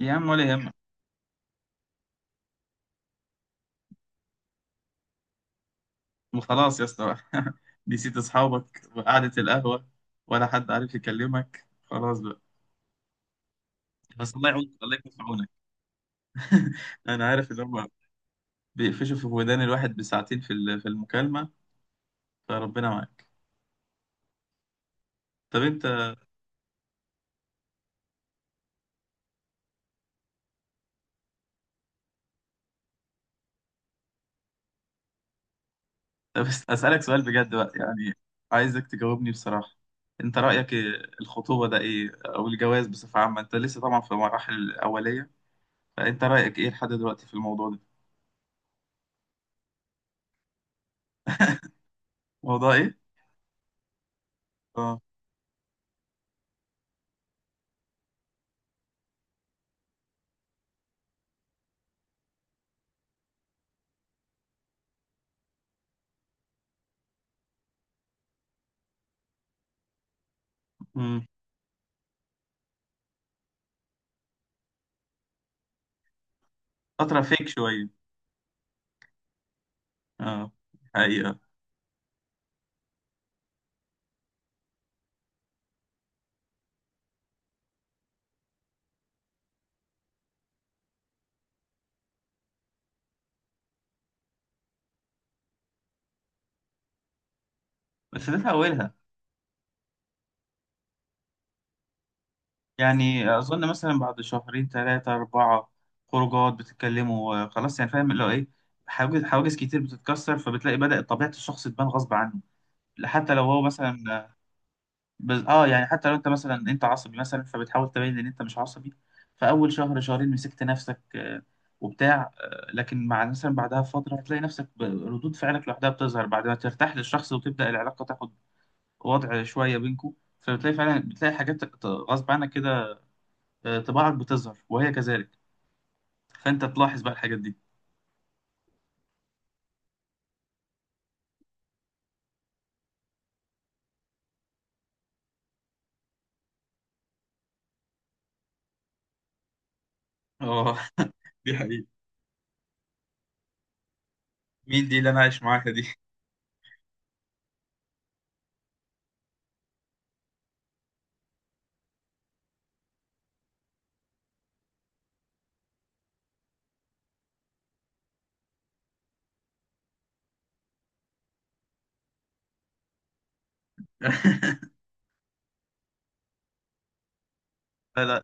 يا عم ولا يهمك. وخلاص يا اسطى نسيت اصحابك وقعدة القهوة، ولا حد عارف يكلمك خلاص بقى؟ بس الله يعونك، الله يكون في عونك. انا عارف ان هم بيقفشوا في ودان الواحد بساعتين في المكالمة فربنا معاك. طب انت، بس اسالك سؤال بجد بقى يعني، عايزك تجاوبني بصراحة. انت رأيك إيه؟ الخطوبة ده ايه او الجواز بصفة عامة، انت لسه طبعا في المراحل الأولية، فانت رأيك ايه لحد دلوقتي في الموضوع ده؟ موضوع ايه؟ اه. امم. فترة فيك شوية. اه. حقيقة. بس ده في أولها. يعني أظن مثلا بعد شهرين ثلاثة أربعة خروجات بتتكلموا، خلاص يعني فاهم اللي هو إيه، حواجز حواجز كتير بتتكسر، فبتلاقي بدأت طبيعة الشخص تبان غصب عنه. حتى لو هو مثلا، آه، بز... آه يعني حتى لو أنت مثلا أنت عصبي مثلا، فبتحاول تبين إن أنت مش عصبي. فأول شهر شهرين مسكت نفسك، وبتاع، لكن مع مثلا بعدها بفترة هتلاقي نفسك ردود فعلك لوحدها بتظهر بعد ما ترتاح للشخص وتبدأ العلاقة تاخد وضع شويه بينكم. فبتلاقي فعلا بتلاقي حاجات غصب عنك كده. طباعك بتظهر وهي كذلك، فانت تلاحظ بقى الحاجات دي. اه. دي حقيقة. مين دي اللي انا عايش معاها دي؟ لا لا،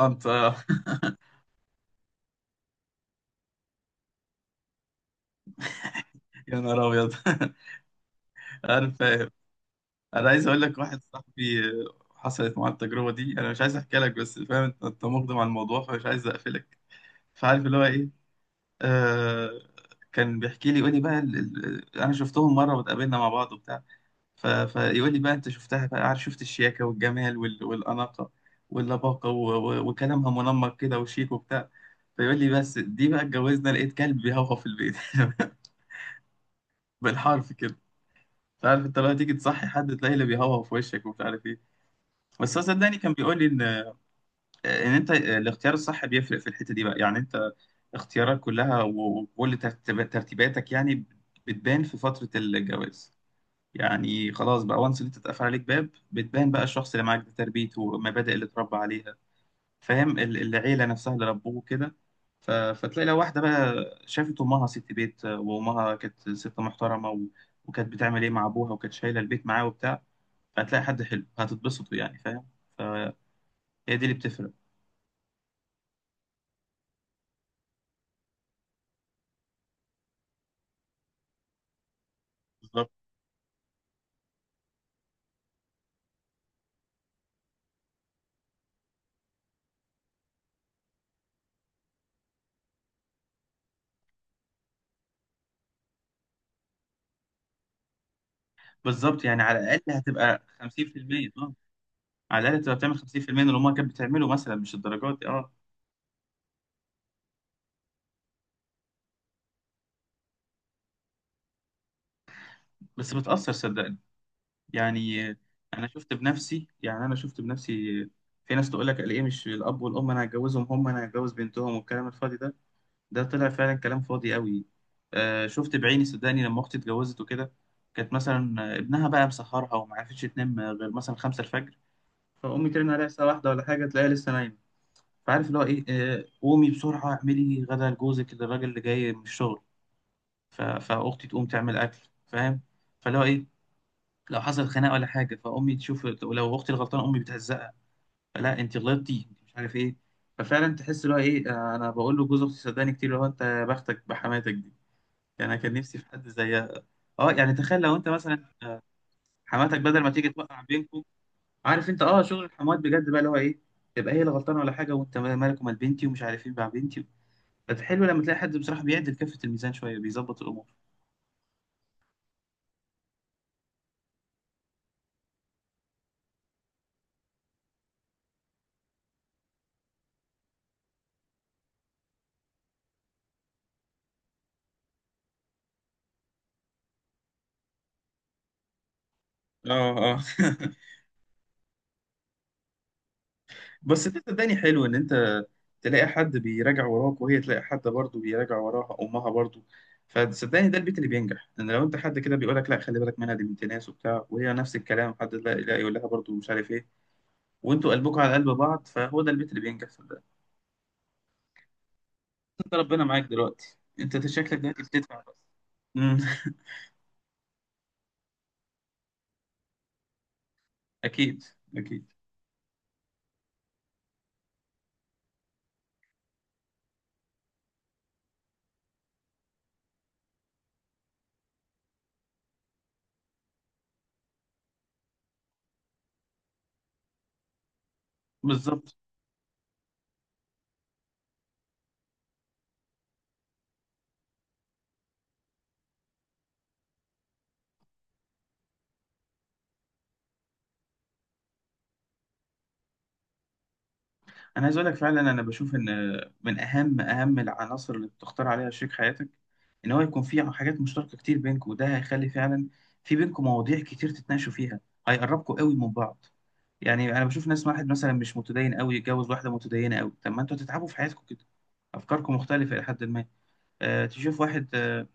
انت آه. يا نهار ابيض. انا فاهم. انا عايز اقول لك واحد صاحبي، حصلت معاه التجربه دي، انا مش عايز احكي لك بس فاهم انت أنت مقدم على الموضوع فمش عايز اقفلك. فعارف اللي هو ايه. آه كان بيحكي لي يقول لي بقى انا شفتهم مره واتقابلنا مع بعض وبتاع. فيقول لي بقى انت شفتها بقى، عارف، شفت الشياكه والجمال والاناقه واللباقه وكلامها منمق كده وشيك وبتاع. فيقول لي بس دي بقى اتجوزنا لقيت كلب بيهوهو في البيت. بالحرف كده. انت عارف، انت لو تيجي تصحي حد تلاقيه اللي بيهوهو في وشك ومش عارف ايه. بس هو صدقني كان بيقول لي ان انت الاختيار الصح بيفرق في الحته دي بقى، يعني انت اختيارات كلها وكل ترتيباتك يعني بتبان في فتره الجواز. يعني خلاص بقى وانس انت اتقفل عليك باب، بتبان بقى الشخص اللي معاك ده، تربيته والمبادئ اللي اتربى عليها، فاهم، العيله نفسها اللي ربوه كده. فتلاقي لو واحده بقى شافت امها ست بيت، وامها كانت ست محترمه، وكانت بتعمل ايه مع ابوها وكانت شايله البيت معاه وبتاع، فهتلاقي حد حلو هتتبسطوا يعني فاهم. فهي دي اللي بتفرق. بالظبط، بالظبط، يعني على الاقل هتبقى 50%. اه. على الاقل تبقى بتعمل 50% من اللي امها كانت بتعمله مثلا، مش الدرجات دي. اه. بس بتاثر صدقني. يعني انا شفت بنفسي، يعني انا شفت بنفسي. في ناس تقول لك ايه، مش الاب والام انا هتجوزهم، هم انا هتجوز بنتهم، والكلام الفاضي ده، ده طلع فعلا كلام فاضي قوي. آه، شفت بعيني صدقني لما اختي اتجوزت وكده، كانت مثلا ابنها بقى مسهرها وما عرفتش تنام غير مثلا خمسة الفجر، فامي ترن عليها الساعه واحدة ولا حاجه تلاقيها لسه نايمه. فعارف اللي هو ايه، آه قومي بسرعه اعملي غدا لجوزك الراجل اللي جاي من الشغل. فاختي تقوم تعمل اكل، فاهم. فاللي هو ايه، لو حصل خناقه ولا حاجه فامي تشوف، ولو اختي الغلطانه امي بتهزقها، لا انت غلطتي مش عارف ايه. ففعلا تحس اللي هو ايه. انا بقول له جوز اختي صدقني كتير اللي هو انت يا بختك بحماتك دي. يعني انا كان نفسي في حد زيها. اه يعني تخيل لو انت مثلا حماتك بدل ما تيجي توقع بينكم. عارف انت، اه شغل الحموات بجد بقى اللي هو ايه، تبقى هي اللي غلطانه ولا حاجه وانت مالك ومال بنتي ومش عارف ايه مع بنتي. حلو لما تلاقي حد بصراحه بيعدل كفه الميزان شويه بيظبط الامور. اه، اه. بس ده صدقني حلو ان انت تلاقي حد بيراجع وراك، وهي تلاقي حد برضه بيراجع وراها، امها برضه. فصدقني ده البيت اللي بينجح، ان لو انت حد كده بيقول لك لا خلي بالك منها دي بنت ناس وبتاع، وهي نفس الكلام حد لا لا يقول لها برضه مش عارف ايه، وانتوا قلبكم على قلب بعض، فهو ده البيت اللي بينجح صدقني. انت ربنا معاك دلوقتي، انت شكلك دلوقتي بتدفع بس. أمم، اكيد. اكيد. بالظبط. انا عايز اقول لك فعلا انا بشوف ان من اهم اهم العناصر اللي بتختار عليها شريك حياتك، ان هو يكون في حاجات مشتركه كتير بينكم، وده هيخلي فعلا في بينكم مواضيع كتير تتناقشوا فيها، هيقربكم قوي من بعض. يعني انا بشوف ناس، واحد مثلا مش متدين قوي يتجوز واحده متدينه قوي، طب ما انتوا هتتعبوا في حياتكم كده، افكاركم مختلفه الى حد ما. أه، تشوف واحد، أه.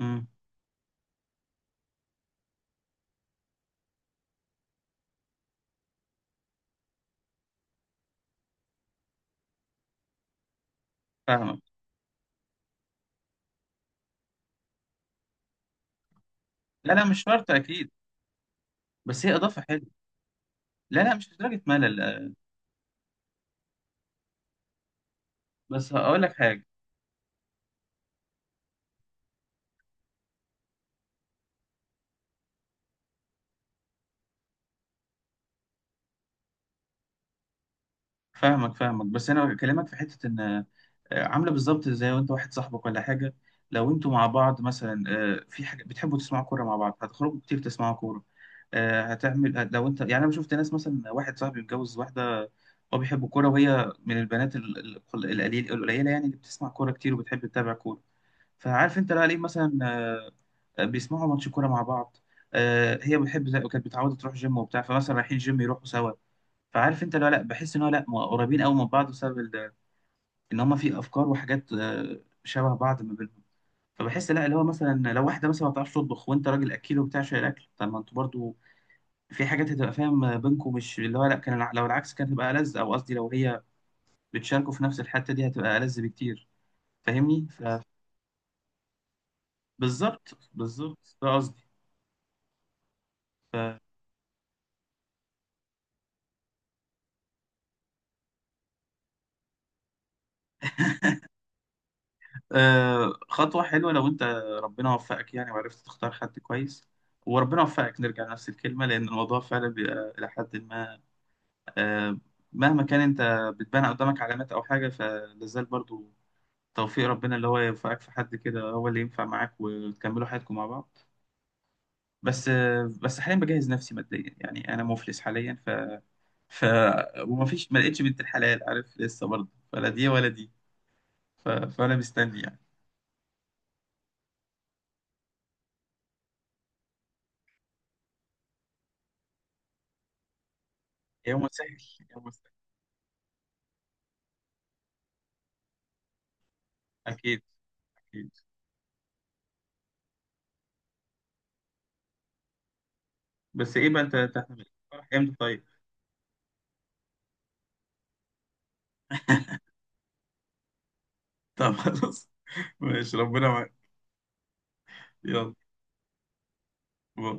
مم، فاهمك. لا لا مش شرط اكيد، بس هي اضافه حلوه. لا لا مش لدرجه ملل، بس هقول لك حاجه. فاهمك فاهمك، بس انا بكلمك في حته ان، عامله بالظبط زي وانت واحد صاحبك ولا حاجه، لو انتوا مع بعض مثلا، في حاجه بتحبوا تسمعوا كوره مع بعض هتخرجوا كتير تسمعوا كوره، لو انت، يعني انا شفت ناس مثلا واحد صاحبي متجوز واحده، هو بيحب الكوره وهي من البنات القليل القليله يعني اللي بتسمع كوره كتير وبتحب تتابع كوره. فعارف انت لا ليه مثلا، بيسمعوا ماتش كوره مع بعض. هي بتحب كانت بتعود تروح جيم وبتاع، فمثلا رايحين جيم يروحوا سوا. فعارف انت لا لا بحس ان هو لا قريبين قوي من بعض بسبب ان هما في افكار وحاجات شبه بعض ما بينهم. فبحس لا اللي هو مثلا لو واحده مثلا ما بتعرفش تطبخ وانت راجل اكيل وبتاع شايل الاكل، طب ما انتوا برضو في حاجات هتبقى فاهم بينكم، مش اللي هو لا كان لو العكس كانت هتبقى ألذ، او قصدي لو هي بتشاركوا في نفس الحته دي هتبقى ألذ بكتير. فاهمني فبالظبط. بالظبط بالظبط ده قصدي. خطوة حلوة لو أنت ربنا وفقك يعني وعرفت تختار حد كويس، وربنا وفقك نرجع لنفس الكلمة، لأن الموضوع فعلا بيبقى إلى حد ما، آه، مهما كان أنت بتبان قدامك علامات أو حاجة، فلازال برضو توفيق ربنا اللي هو يوفقك في حد كده هو اللي ينفع معاك وتكملوا حياتكم مع بعض. بس حاليا بجهز نفسي ماديا يعني أنا مفلس حاليا. ف ف وما فيش، ما لقيتش بنت الحلال عارف لسه برضه ولا دي ولا دي. فأنا مستني يعني يوم سهل. يوم سهل. أكيد. أكيد. بس ايه بقى، انت تحت الفرح امتى طيب؟ طب خلاص، ماشي ربنا معاك. يلا باي.